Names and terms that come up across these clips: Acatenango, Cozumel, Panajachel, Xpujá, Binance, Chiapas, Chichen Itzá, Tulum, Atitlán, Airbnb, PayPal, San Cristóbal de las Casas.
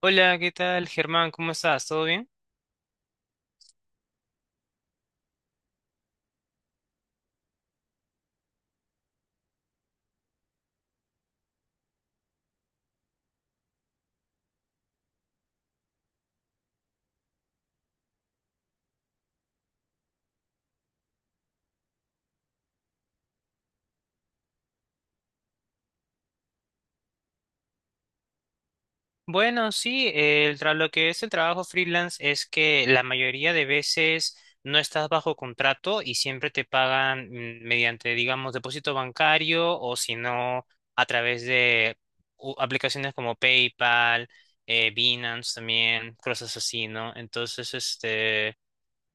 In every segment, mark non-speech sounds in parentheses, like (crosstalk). Hola, ¿qué tal, Germán? ¿Cómo estás? ¿Todo bien? Bueno, sí, lo que es el trabajo freelance es que la mayoría de veces no estás bajo contrato y siempre te pagan mediante, digamos, depósito bancario o si no, a través de aplicaciones como PayPal, Binance también, cosas así, ¿no? Entonces,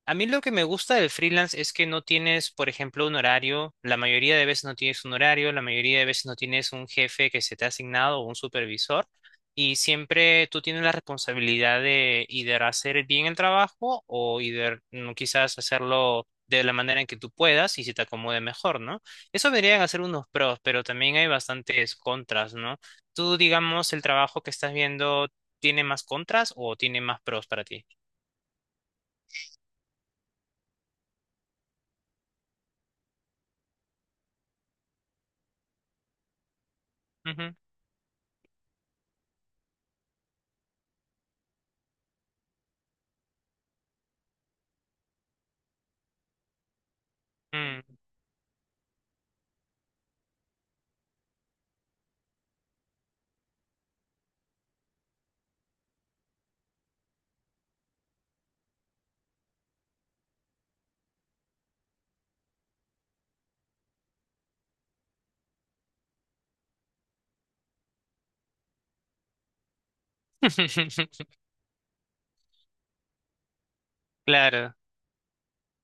a mí lo que me gusta del freelance es que no tienes, por ejemplo, un horario. La mayoría de veces no tienes un horario, la mayoría de veces no tienes un jefe que se te ha asignado o un supervisor. Y siempre tú tienes la responsabilidad de either hacer bien el trabajo o either, quizás hacerlo de la manera en que tú puedas y se te acomode mejor, ¿no? Eso vendrían a ser unos pros, pero también hay bastantes contras, ¿no? Tú, digamos, el trabajo que estás viendo tiene más contras o tiene más pros para ti. Ujú, mm. (laughs) Claro,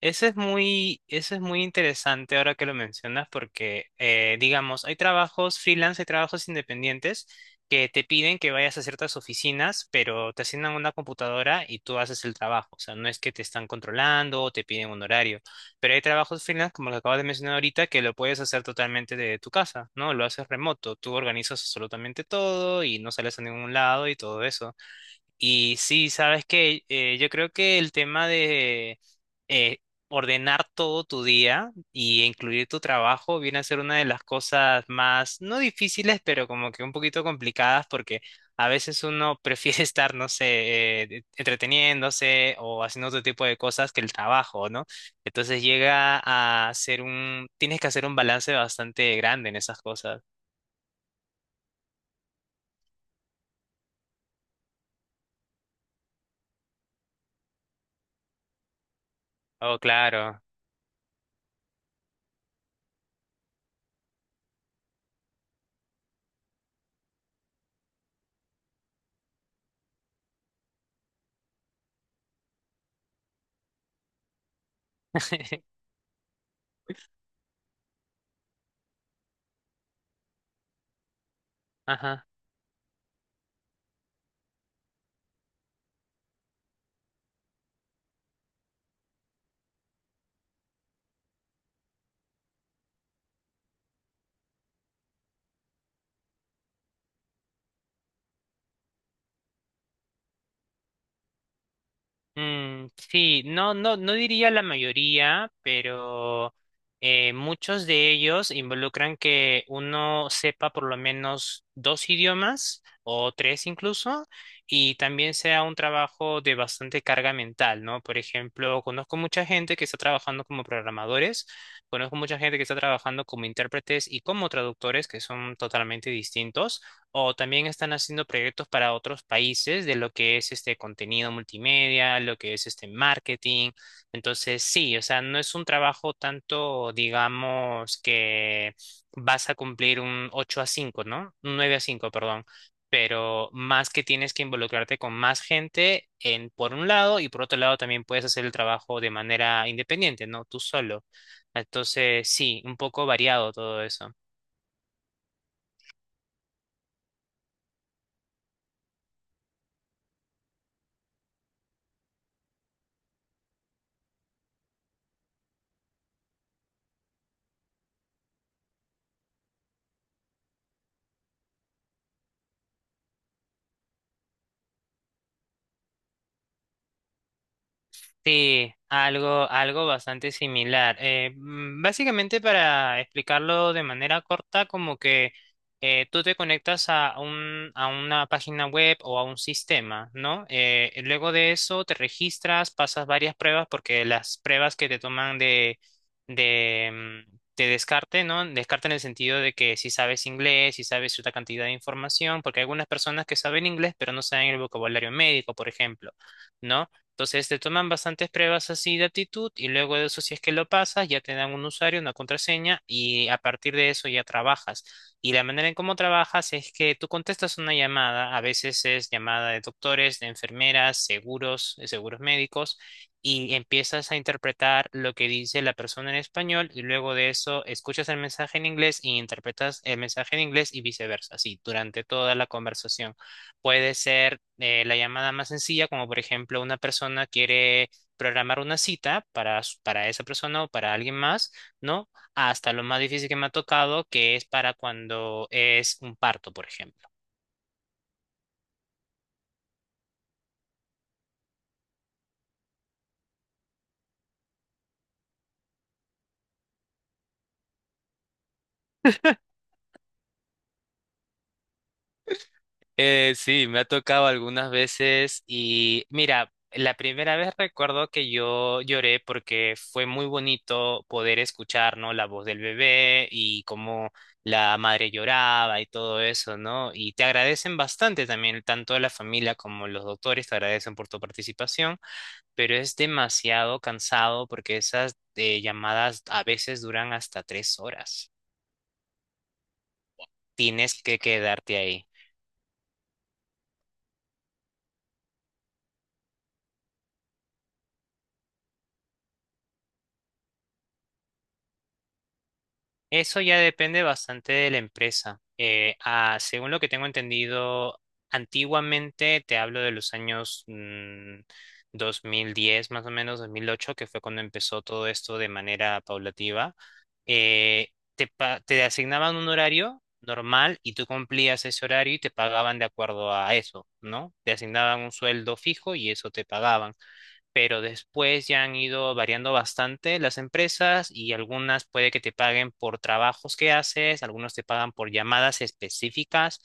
eso es muy interesante ahora que lo mencionas porque, digamos, hay trabajos freelance, hay trabajos independientes que te piden que vayas a ciertas oficinas, pero te asignan una computadora y tú haces el trabajo. O sea, no es que te están controlando o te piden un horario, pero hay trabajos freelance, como lo acabas de mencionar ahorita, que lo puedes hacer totalmente de tu casa, ¿no? Lo haces remoto, tú organizas absolutamente todo y no sales a ningún lado y todo eso. Y sí, sabes que yo creo que el tema de eh, ordenar todo tu día y incluir tu trabajo viene a ser una de las cosas más, no difíciles, pero como que un poquito complicadas porque a veces uno prefiere (laughs) estar, no sé, entreteniéndose o haciendo otro tipo de cosas que el trabajo, ¿no? Entonces llega a ser tienes que hacer un balance bastante grande en esas cosas. Oh, claro. (laughs) Ajá. Mm, sí, no, no, no diría la mayoría, pero muchos de ellos involucran que uno sepa por lo menos dos idiomas o tres incluso, y también sea un trabajo de bastante carga mental, ¿no? Por ejemplo, conozco mucha gente que está trabajando como programadores, conozco mucha gente que está trabajando como intérpretes y como traductores, que son totalmente distintos o también están haciendo proyectos para otros países de lo que es este contenido multimedia, lo que es este marketing. Entonces, sí, o sea, no es un trabajo tanto, digamos, que vas a cumplir un 8 a 5, ¿no? Un 9 a cinco, perdón. Pero más que tienes que involucrarte con más gente en, por un lado y por otro lado también puedes hacer el trabajo de manera independiente, ¿no? Tú solo. Entonces, sí, un poco variado todo eso. Sí, algo, algo bastante similar. Básicamente, para explicarlo de manera corta, como que tú te conectas a un, a una página web o a un sistema, ¿no? Y luego de eso te registras, pasas varias pruebas, porque las pruebas que te toman de, de descarte, ¿no? Descarte en el sentido de que si sabes inglés, si sabes cierta cantidad de información, porque hay algunas personas que saben inglés, pero no saben el vocabulario médico, por ejemplo, ¿no? Entonces te toman bastantes pruebas así de actitud y luego de eso si es que lo pasas ya te dan un usuario, una contraseña y a partir de eso ya trabajas. Y la manera en cómo trabajas es que tú contestas una llamada, a veces es llamada de doctores, de enfermeras, seguros, seguros médicos y empiezas a interpretar lo que dice la persona en español y luego de eso escuchas el mensaje en inglés y interpretas el mensaje en inglés y viceversa, así durante toda la conversación. Puede ser la llamada más sencilla, como por ejemplo una persona quiere programar una cita para esa persona o para alguien más, ¿no? Hasta lo más difícil que me ha tocado, que es para cuando es un parto, por ejemplo. Sí, me ha tocado algunas veces y mira, la primera vez recuerdo que yo lloré porque fue muy bonito poder escuchar, ¿no? La voz del bebé y cómo la madre lloraba y todo eso, ¿no? Y te agradecen bastante también, tanto la familia como los doctores te agradecen por tu participación, pero es demasiado cansado porque esas llamadas a veces duran hasta 3 horas. Tienes que quedarte ahí. Eso ya depende bastante de la empresa. Según lo que tengo entendido, antiguamente, te hablo de los años 2010, más o menos 2008, que fue cuando empezó todo esto de manera paulativa, eh, te asignaban un horario normal y tú cumplías ese horario y te pagaban de acuerdo a eso, ¿no? Te asignaban un sueldo fijo y eso te pagaban, pero después ya han ido variando bastante las empresas y algunas puede que te paguen por trabajos que haces, algunos te pagan por llamadas específicas,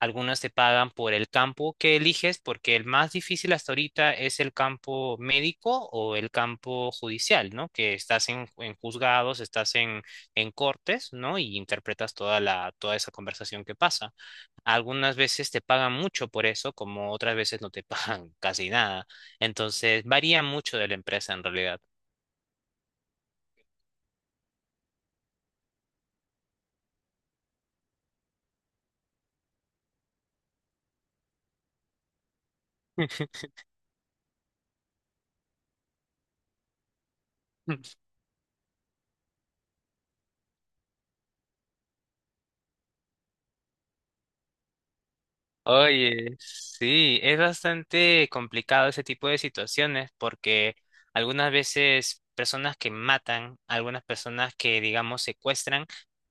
algunas te pagan por el campo que eliges, porque el más difícil hasta ahorita es el campo médico o el campo judicial, ¿no? Que estás en, juzgados, estás en, cortes, ¿no? Y interpretas toda la, toda esa conversación que pasa. Algunas veces te pagan mucho por eso, como otras veces no te pagan (laughs) casi nada. Entonces, varía mucho de la empresa en realidad. (laughs) Oye, sí, es bastante complicado ese tipo de situaciones porque algunas veces personas que matan, algunas personas que, digamos, secuestran,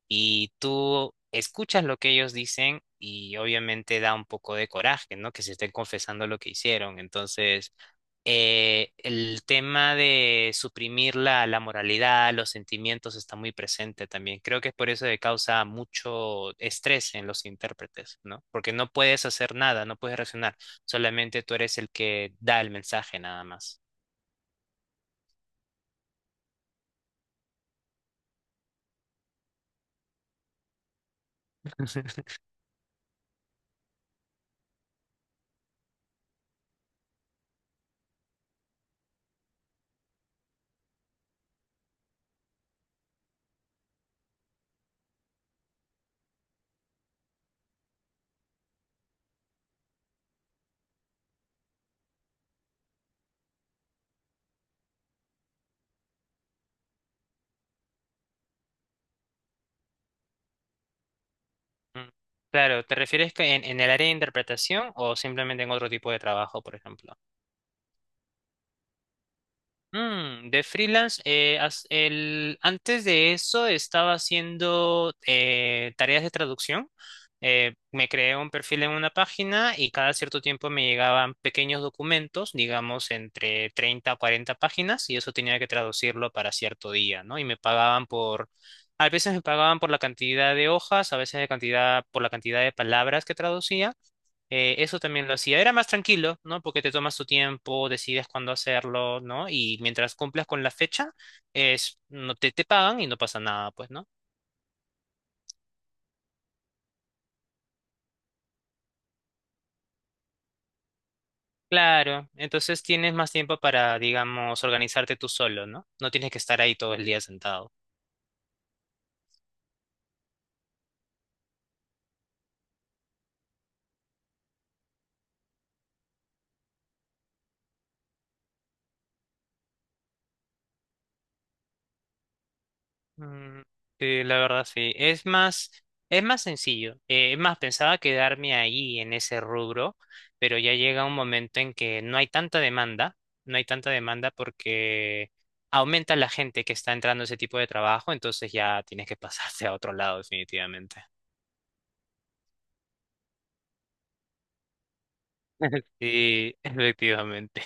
y tú escuchas lo que ellos dicen y obviamente da un poco de coraje, ¿no? Que se estén confesando lo que hicieron. Entonces, el tema de suprimir la moralidad, los sentimientos está muy presente también. Creo que es por eso que causa mucho estrés en los intérpretes, ¿no? Porque no puedes hacer nada, no puedes reaccionar, solamente tú eres el que da el mensaje nada más. (laughs) Mm. Claro, ¿te refieres que en, el área de interpretación o simplemente en otro tipo de trabajo, por ejemplo? De freelance, antes de eso estaba haciendo tareas de traducción. Me creé un perfil en una página y cada cierto tiempo me llegaban pequeños documentos, digamos entre 30 a 40 páginas, y eso tenía que traducirlo para cierto día, ¿no? Y me pagaban a veces me pagaban por la cantidad de hojas, a veces de cantidad, por la cantidad de palabras que traducía. Eso también lo hacía. Era más tranquilo, ¿no? Porque te tomas tu tiempo, decides cuándo hacerlo, ¿no? Y mientras cumplas con la fecha, no te pagan y no pasa nada, pues, ¿no? Claro, entonces tienes más tiempo para, digamos, organizarte tú solo, ¿no? No tienes que estar ahí todo el día sentado. Mm, sí, la verdad sí. Es más sencillo. Es más, pensaba quedarme ahí en ese rubro, pero ya llega un momento en que no hay tanta demanda, no hay tanta demanda porque aumenta la gente que está entrando a ese tipo de trabajo, entonces ya tienes que (laughs) pasarte a otro lado definitivamente. Sí, (laughs) efectivamente.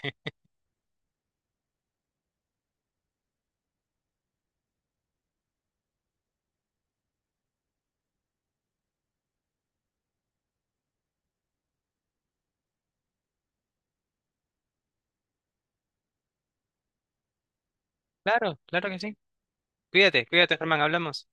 Claro, claro que sí. Cuídate, cuídate, Germán, hablamos.